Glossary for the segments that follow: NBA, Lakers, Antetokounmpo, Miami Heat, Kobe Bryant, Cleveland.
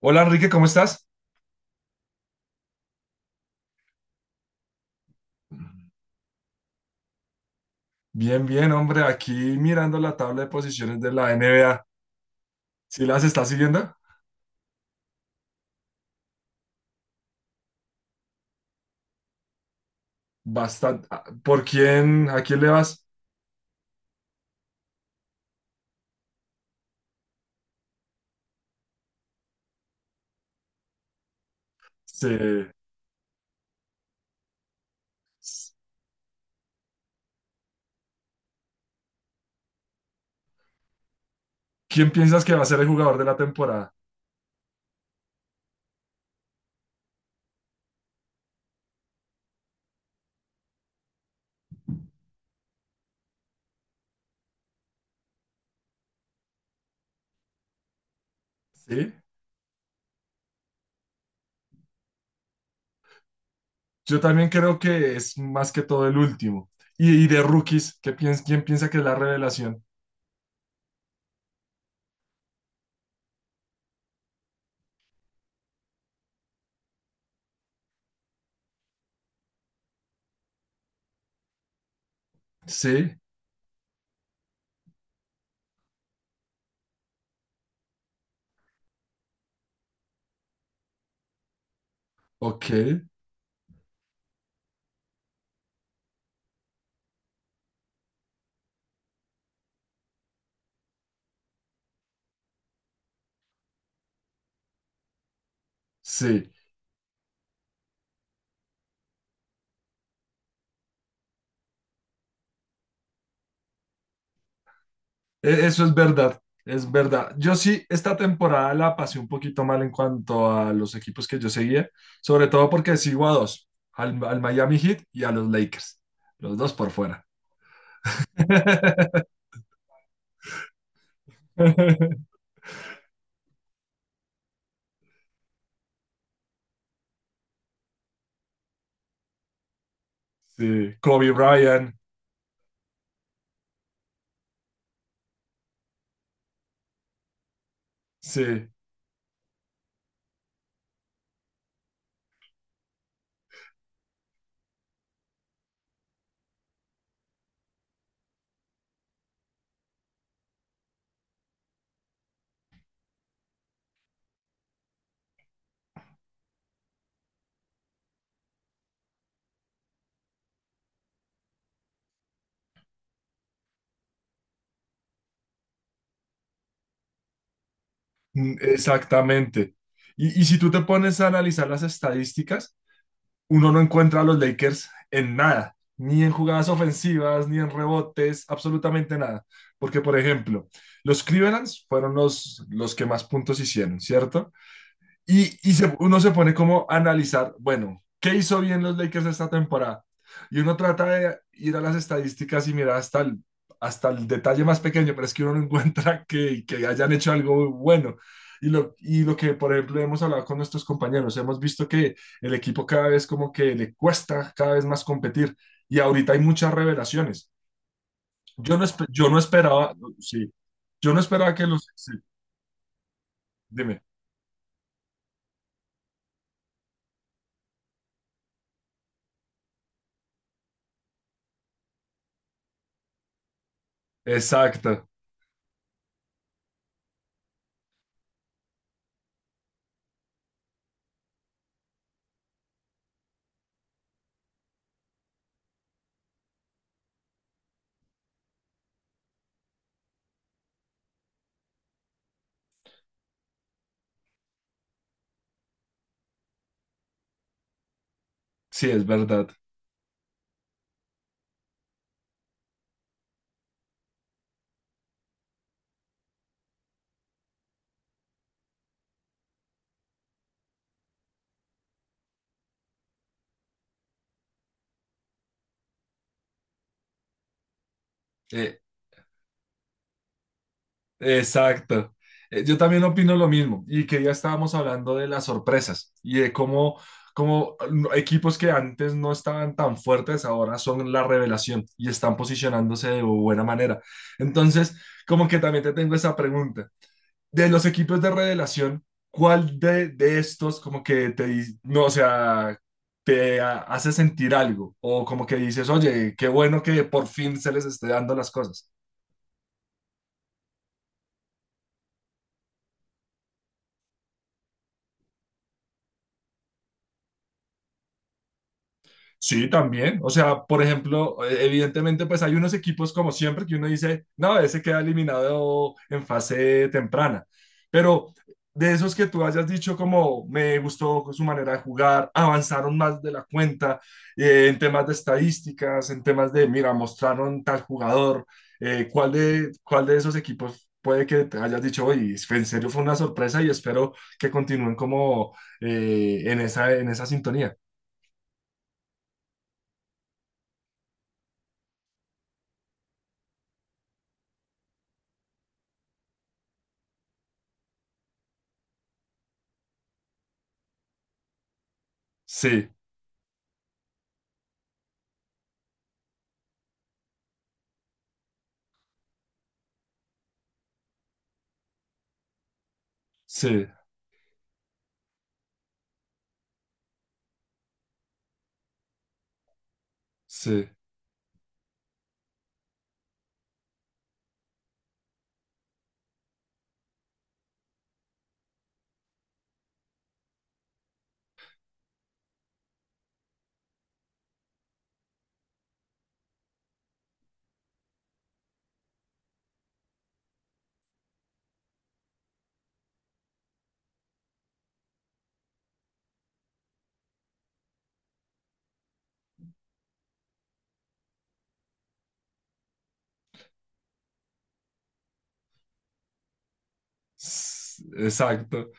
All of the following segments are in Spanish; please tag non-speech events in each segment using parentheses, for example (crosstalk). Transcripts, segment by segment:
Hola, Enrique, ¿cómo estás? Bien, bien, hombre, aquí mirando la tabla de posiciones de la NBA. ¿Sí las estás siguiendo? Bastante. Ah, ¿por quién, a quién le vas? Se- ¿Quién piensas que va a ser el jugador de la temporada? Sí. Yo también creo que es más que todo el último. Y de rookies, ¿quién piensa que es la revelación? Sí, ok, sí. Eso es verdad, es verdad. Yo sí, esta temporada la pasé un poquito mal en cuanto a los equipos que yo seguía, sobre todo porque sigo a dos, al Miami Heat y a los Lakers, los dos por fuera. (laughs) Sí, Kobe Bryant, sí, mm, exactamente. Y si tú te pones a analizar las estadísticas, uno no encuentra a los Lakers en nada, ni en jugadas ofensivas, ni en rebotes, absolutamente nada. Porque, por ejemplo, los Clevelands fueron los que más puntos hicieron, ¿cierto? Y, uno se pone como a analizar, bueno, ¿qué hizo bien los Lakers esta temporada? Y uno trata de ir a las estadísticas y mirar hasta hasta el detalle más pequeño, pero es que uno no encuentra (laughs) que hayan hecho algo bueno. Y lo que, por ejemplo, hemos hablado con nuestros compañeros, hemos visto que el equipo cada vez como que le cuesta cada vez más competir. Y ahorita hay muchas revelaciones. Yo no esperaba, sí, yo no esperaba que los... sí, dime. Exacto, sí, es verdad. Eh, Exacto. Yo también opino lo mismo. Y que ya estábamos hablando de las sorpresas y de cómo, equipos que antes no estaban tan fuertes ahora son la revelación y están posicionándose de buena manera. Entonces, como que también te tengo esa pregunta. De los equipos de revelación, ¿cuál de estos como que te, no, o sea, hace sentir algo? O como que dices, oye, qué bueno que por fin se les esté dando las cosas. Sí, también. O sea, por ejemplo, evidentemente, pues hay unos equipos como siempre que uno dice, no, ese queda eliminado en fase temprana. Pero de esos que tú hayas dicho como me gustó su manera de jugar, avanzaron más de la cuenta en temas de estadísticas, en temas de, mira, mostraron tal jugador, cuál de esos equipos puede que te hayas dicho, oye, en serio fue una sorpresa y espero que continúen como en esa sintonía? Sí, sí. Sí, s- exacto,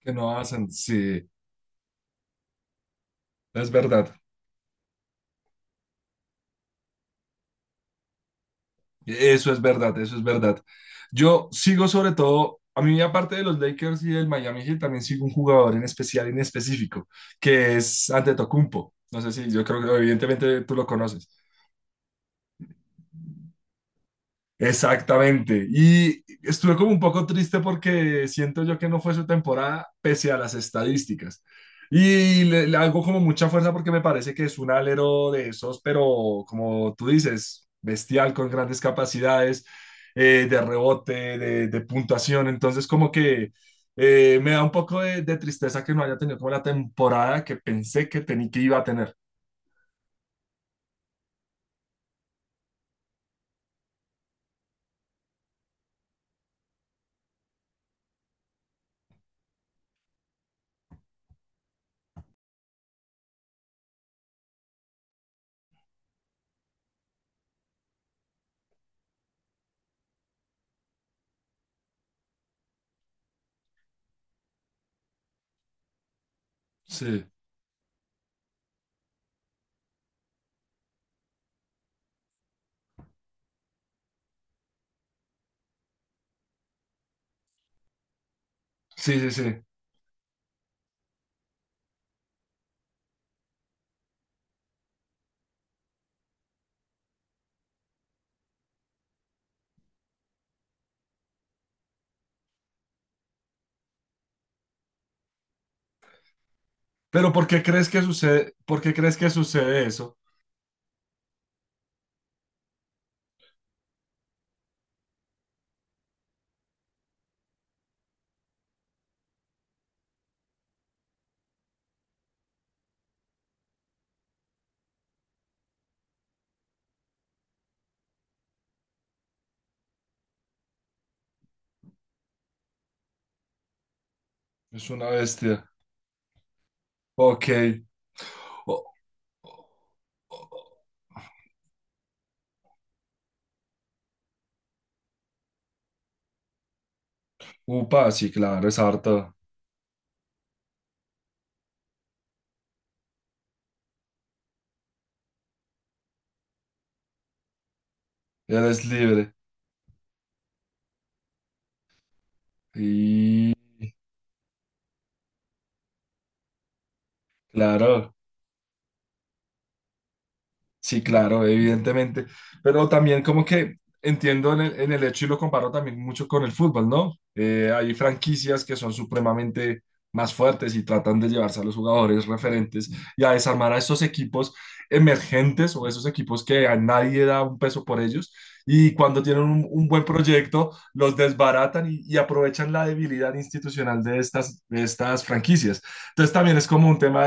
que no hacen, sí, es verdad, eso es verdad, eso es verdad. Yo sigo sobre todo, a mí aparte de los Lakers y del Miami Heat, también sigo un jugador en especial, en específico, que es Antetokounmpo. No sé si, yo creo que evidentemente tú lo conoces. Exactamente. Y estuve como un poco triste porque siento yo que no fue su temporada pese a las estadísticas. Y le hago como mucha fuerza porque me parece que es un alero de esos, pero como tú dices, bestial, con grandes capacidades de rebote, de puntuación. Entonces como que me da un poco de tristeza que no haya tenido como la temporada que pensé que, tenía que iba a tener. Sí, sí, sí, sí. Pero ¿por qué crees que sucede, por qué crees que sucede eso? Es una bestia. Ok. O- Upa, sí, claro, es harto. Él es libre. Y claro. Sí, claro, evidentemente. Pero también como que entiendo en el hecho y lo comparo también mucho con el fútbol, ¿no? Hay franquicias que son supremamente más fuertes y tratan de llevarse a los jugadores referentes y a desarmar a esos equipos emergentes o esos equipos que a nadie da un peso por ellos. Y cuando tienen un buen proyecto, los desbaratan y aprovechan la debilidad institucional de estas franquicias. Entonces también es como un tema,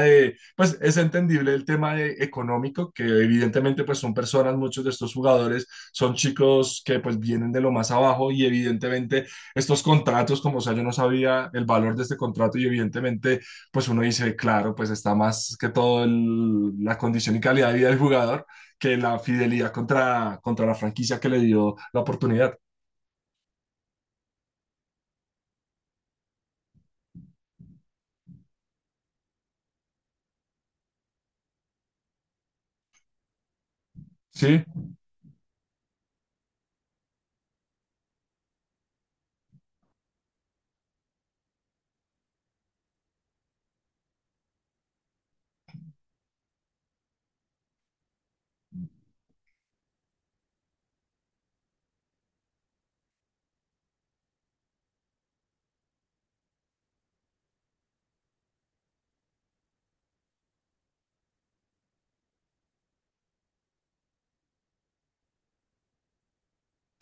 pues es entendible el tema económico, que evidentemente pues son personas, muchos de estos jugadores son chicos que pues vienen de lo más abajo y evidentemente estos contratos, como o sea, yo no sabía el valor de este contrato y evidentemente pues uno dice, claro, pues está más que todo la condición y calidad de vida del jugador que la fidelidad contra, contra la franquicia que le dio la oportunidad. Sí,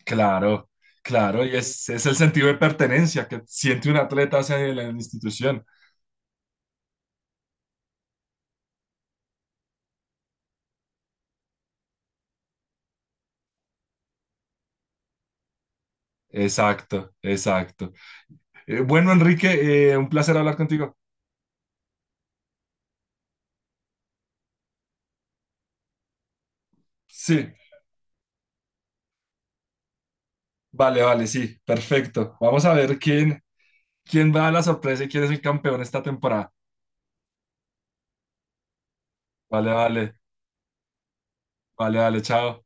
claro, claro, y es el sentido de pertenencia que siente un atleta hacia la institución. Exacto, exacto. Bueno, Enrique, un placer hablar contigo. Sí, vale, vale, sí, perfecto. Vamos a ver quién, quién va a la sorpresa y quién es el campeón esta temporada. Vale, vale, vale, vale, chao.